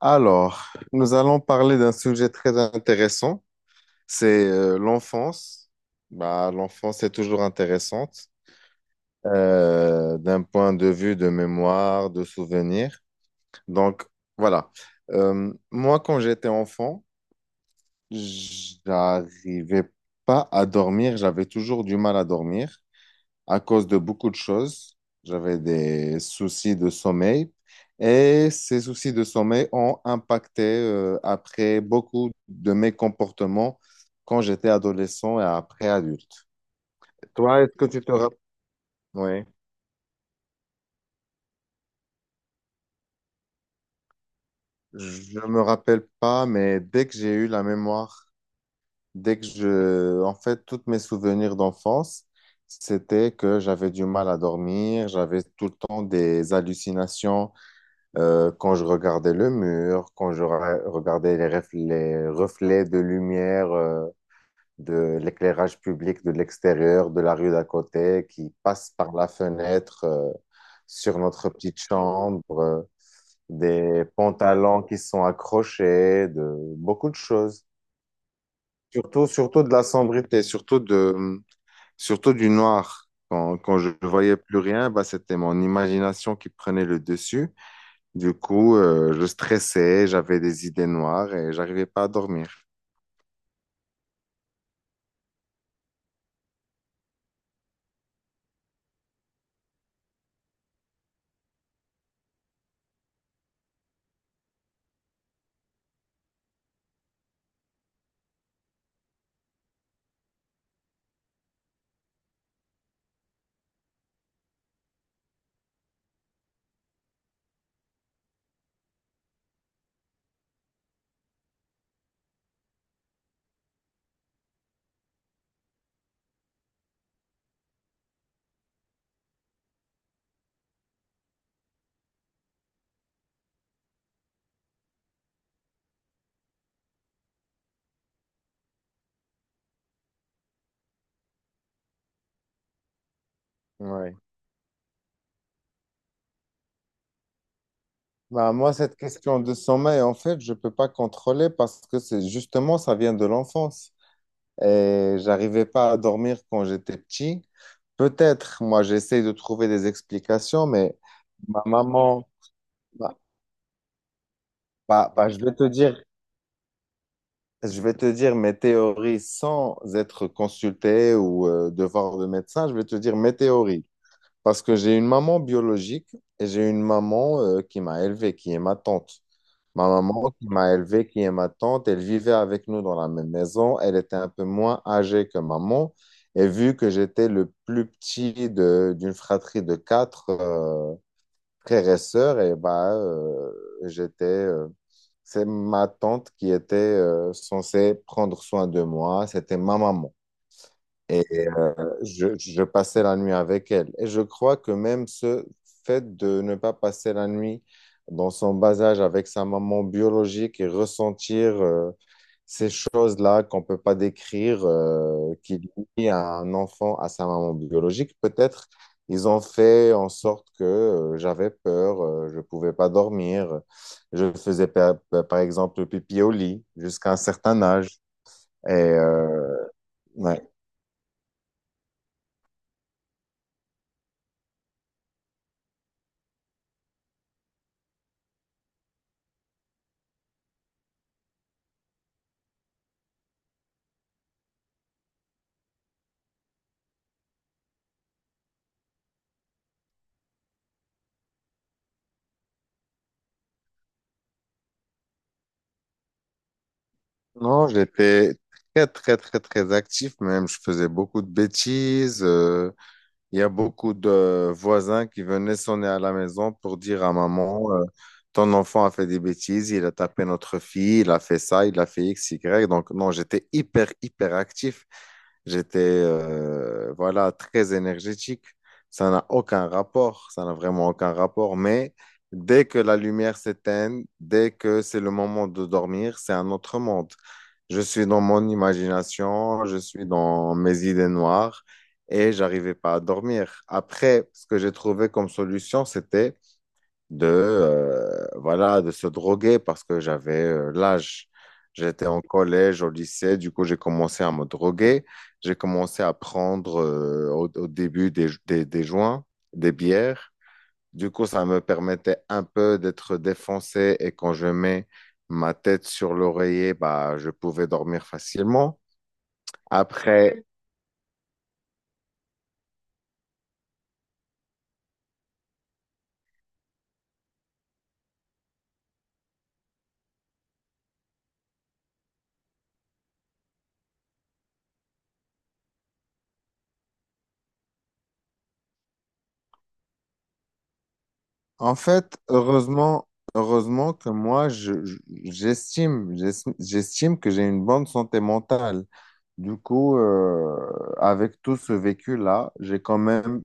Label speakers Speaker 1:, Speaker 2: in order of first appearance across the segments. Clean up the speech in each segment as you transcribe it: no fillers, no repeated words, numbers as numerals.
Speaker 1: Alors, nous allons parler d'un sujet très intéressant, c'est l'enfance. Bah, l'enfance est toujours intéressante d'un point de vue de mémoire, de souvenirs. Donc, voilà. Moi, quand j'étais enfant, j'arrivais pas à dormir, j'avais toujours du mal à dormir à cause de beaucoup de choses. J'avais des soucis de sommeil et ces soucis de sommeil ont impacté après beaucoup de mes comportements quand j'étais adolescent et après adulte. Toi, est-ce que tu te rappelles? Oui, je me rappelle pas, mais dès que j'ai eu la mémoire, dès que en fait, tous mes souvenirs d'enfance, c'était que j'avais du mal à dormir, j'avais tout le temps des hallucinations. Quand je regardais le mur, quand regardais les reflets de lumière, de l'éclairage public de l'extérieur, de la rue d'à côté, qui passe par la fenêtre, sur notre petite chambre, des pantalons qui sont accrochés, de beaucoup de choses. Surtout, surtout de la sombrité, surtout de, surtout du noir. Quand, quand je ne voyais plus rien, bah, c'était mon imagination qui prenait le dessus. Du coup, je stressais, j'avais des idées noires et j'arrivais pas à dormir. Ouais. Bah, moi, cette question de sommeil, en fait, je peux pas contrôler parce que c'est justement, ça vient de l'enfance. Et j'arrivais pas à dormir quand j'étais petit. Peut-être, moi, j'essaye de trouver des explications, mais ma maman, bah, je vais te dire, je vais te dire mes théories sans être consulté ou devoir de médecin, je vais te dire mes théories. Parce que j'ai une maman biologique et j'ai une maman qui m'a élevé, qui est ma tante. Ma maman qui m'a élevé, qui est ma tante, elle vivait avec nous dans la même maison. Elle était un peu moins âgée que maman. Et vu que j'étais le plus petit d'une fratrie de quatre frères et sœurs, et j'étais, c'est ma tante qui était censée prendre soin de moi. C'était ma maman. Et euh, je passais la nuit avec elle. Et je crois que même ce fait de ne pas passer la nuit dans son bas âge avec sa maman biologique et ressentir ces choses-là qu'on ne peut pas décrire, qui lie un enfant à sa maman biologique, peut-être ils ont fait en sorte que j'avais peur, je ne pouvais pas dormir. Je faisais par, par exemple pipi au lit jusqu'à un certain âge. Et ouais. Non, j'étais très, très, très, très actif même. Je faisais beaucoup de bêtises. Il y a beaucoup de voisins qui venaient sonner à la maison pour dire à maman, ton enfant a fait des bêtises, il a tapé notre fille, il a fait ça, il a fait X, Y. Donc, non, j'étais hyper, hyper actif. J'étais voilà, très énergétique. Ça n'a aucun rapport, ça n'a vraiment aucun rapport. Mais dès que la lumière s'éteint, dès que c'est le moment de dormir, c'est un autre monde. Je suis dans mon imagination, je suis dans mes idées noires et j'arrivais pas à dormir. Après, ce que j'ai trouvé comme solution, c'était voilà, de se droguer parce que j'avais l'âge. J'étais en collège, au lycée, du coup, j'ai commencé à me droguer. J'ai commencé à prendre au, au début des joints, des bières. Du coup, ça me permettait un peu d'être défoncé et quand je mets ma tête sur l'oreiller, bah, je pouvais dormir facilement. Après, En fait, heureusement, heureusement que j'estime que j'ai une bonne santé mentale. Du coup, avec tout ce vécu-là, j'ai quand même,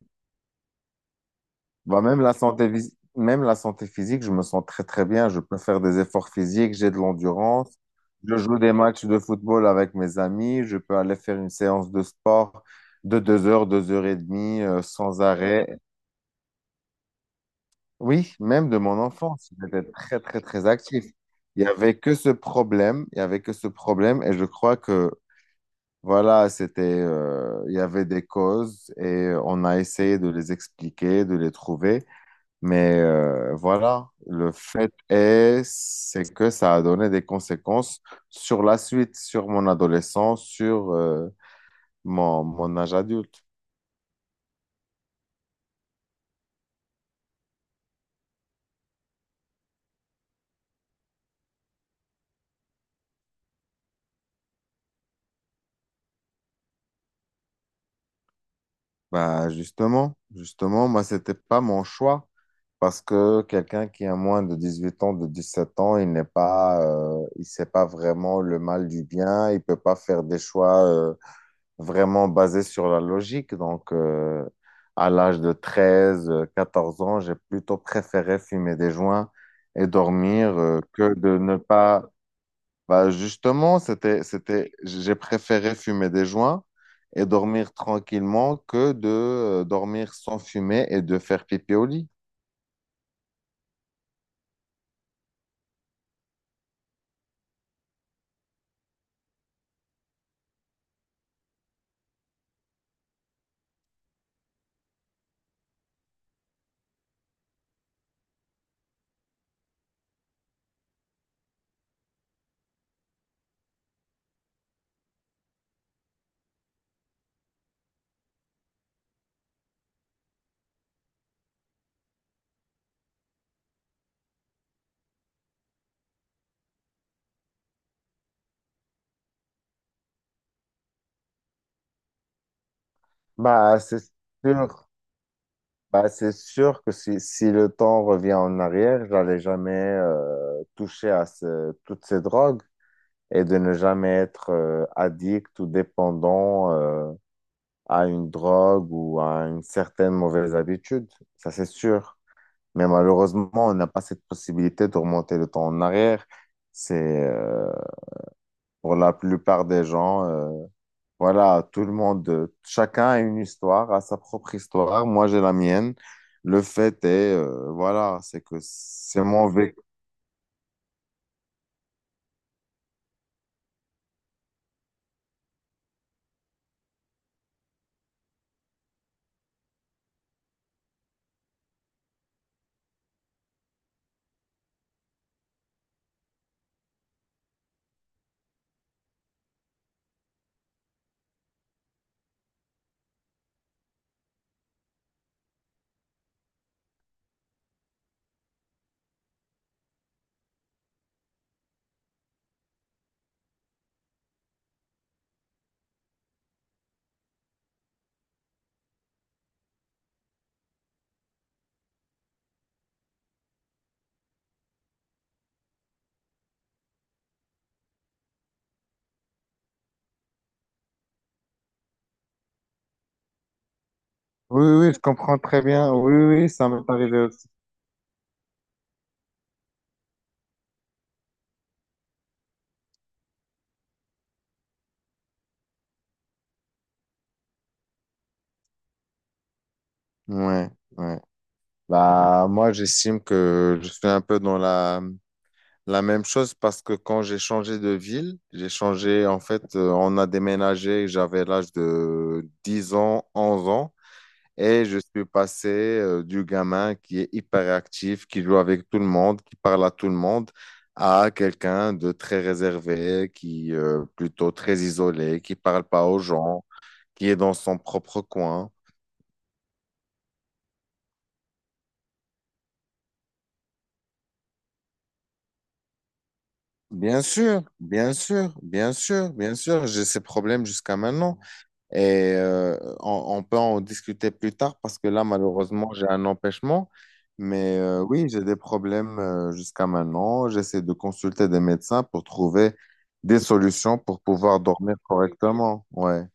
Speaker 1: bah, même même la santé physique, je me sens très très bien. Je peux faire des efforts physiques, j'ai de l'endurance. Je joue des matchs de football avec mes amis. Je peux aller faire une séance de sport de deux heures et demie, sans arrêt. Oui, même de mon enfance, j'étais très, très, très actif. Il n'y avait que ce problème, il n'y avait que ce problème, et je crois que, voilà, il y avait des causes, et on a essayé de les expliquer, de les trouver, mais voilà, le fait est, c'est que ça a donné des conséquences sur la suite, sur mon adolescence, sur mon âge adulte. Bah justement, justement, moi, c'était pas mon choix parce que quelqu'un qui a moins de 18 ans, de 17 ans, il n'est pas, il sait pas vraiment le mal du bien, il peut pas faire des choix vraiment basés sur la logique. Donc, à l'âge de 14 ans, j'ai plutôt préféré fumer des joints et dormir que de ne pas bah justement, j'ai préféré fumer des joints et dormir tranquillement que de dormir sans fumer et de faire pipi au lit. Bah, c'est sûr. Bah, c'est sûr que si, si le temps revient en arrière, j'allais jamais toucher à toutes ces drogues et de ne jamais être addict ou dépendant à une drogue ou à une certaine mauvaise habitude. Ça, c'est sûr. Mais malheureusement, on n'a pas cette possibilité de remonter le temps en arrière. C'est euh, pour la plupart des gens, voilà, tout le monde, chacun a une histoire, a sa propre histoire. Moi, j'ai la mienne. Le fait est, voilà, c'est que c'est mon vécu. Oui, oui, je comprends très bien. Oui, oui, oui, ça m'est arrivé aussi. Ouais, ouais. Bah, moi, j'estime que je suis un peu dans la la même chose parce que quand j'ai changé de ville, j'ai changé, en fait, on a déménagé, j'avais l'âge de 10 ans, 11 ans, et je suis passé du gamin qui est hyperactif, qui joue avec tout le monde, qui parle à tout le monde, à quelqu'un de très réservé, qui plutôt très isolé, qui parle pas aux gens, qui est dans son propre coin. Bien sûr, bien sûr, bien sûr, bien sûr, j'ai ces problèmes jusqu'à maintenant. Et on peut en discuter plus tard parce que là, malheureusement, j'ai un empêchement. Mais oui, j'ai des problèmes jusqu'à maintenant. J'essaie de consulter des médecins pour trouver des solutions pour pouvoir dormir correctement. Ouais,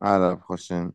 Speaker 1: à la prochaine.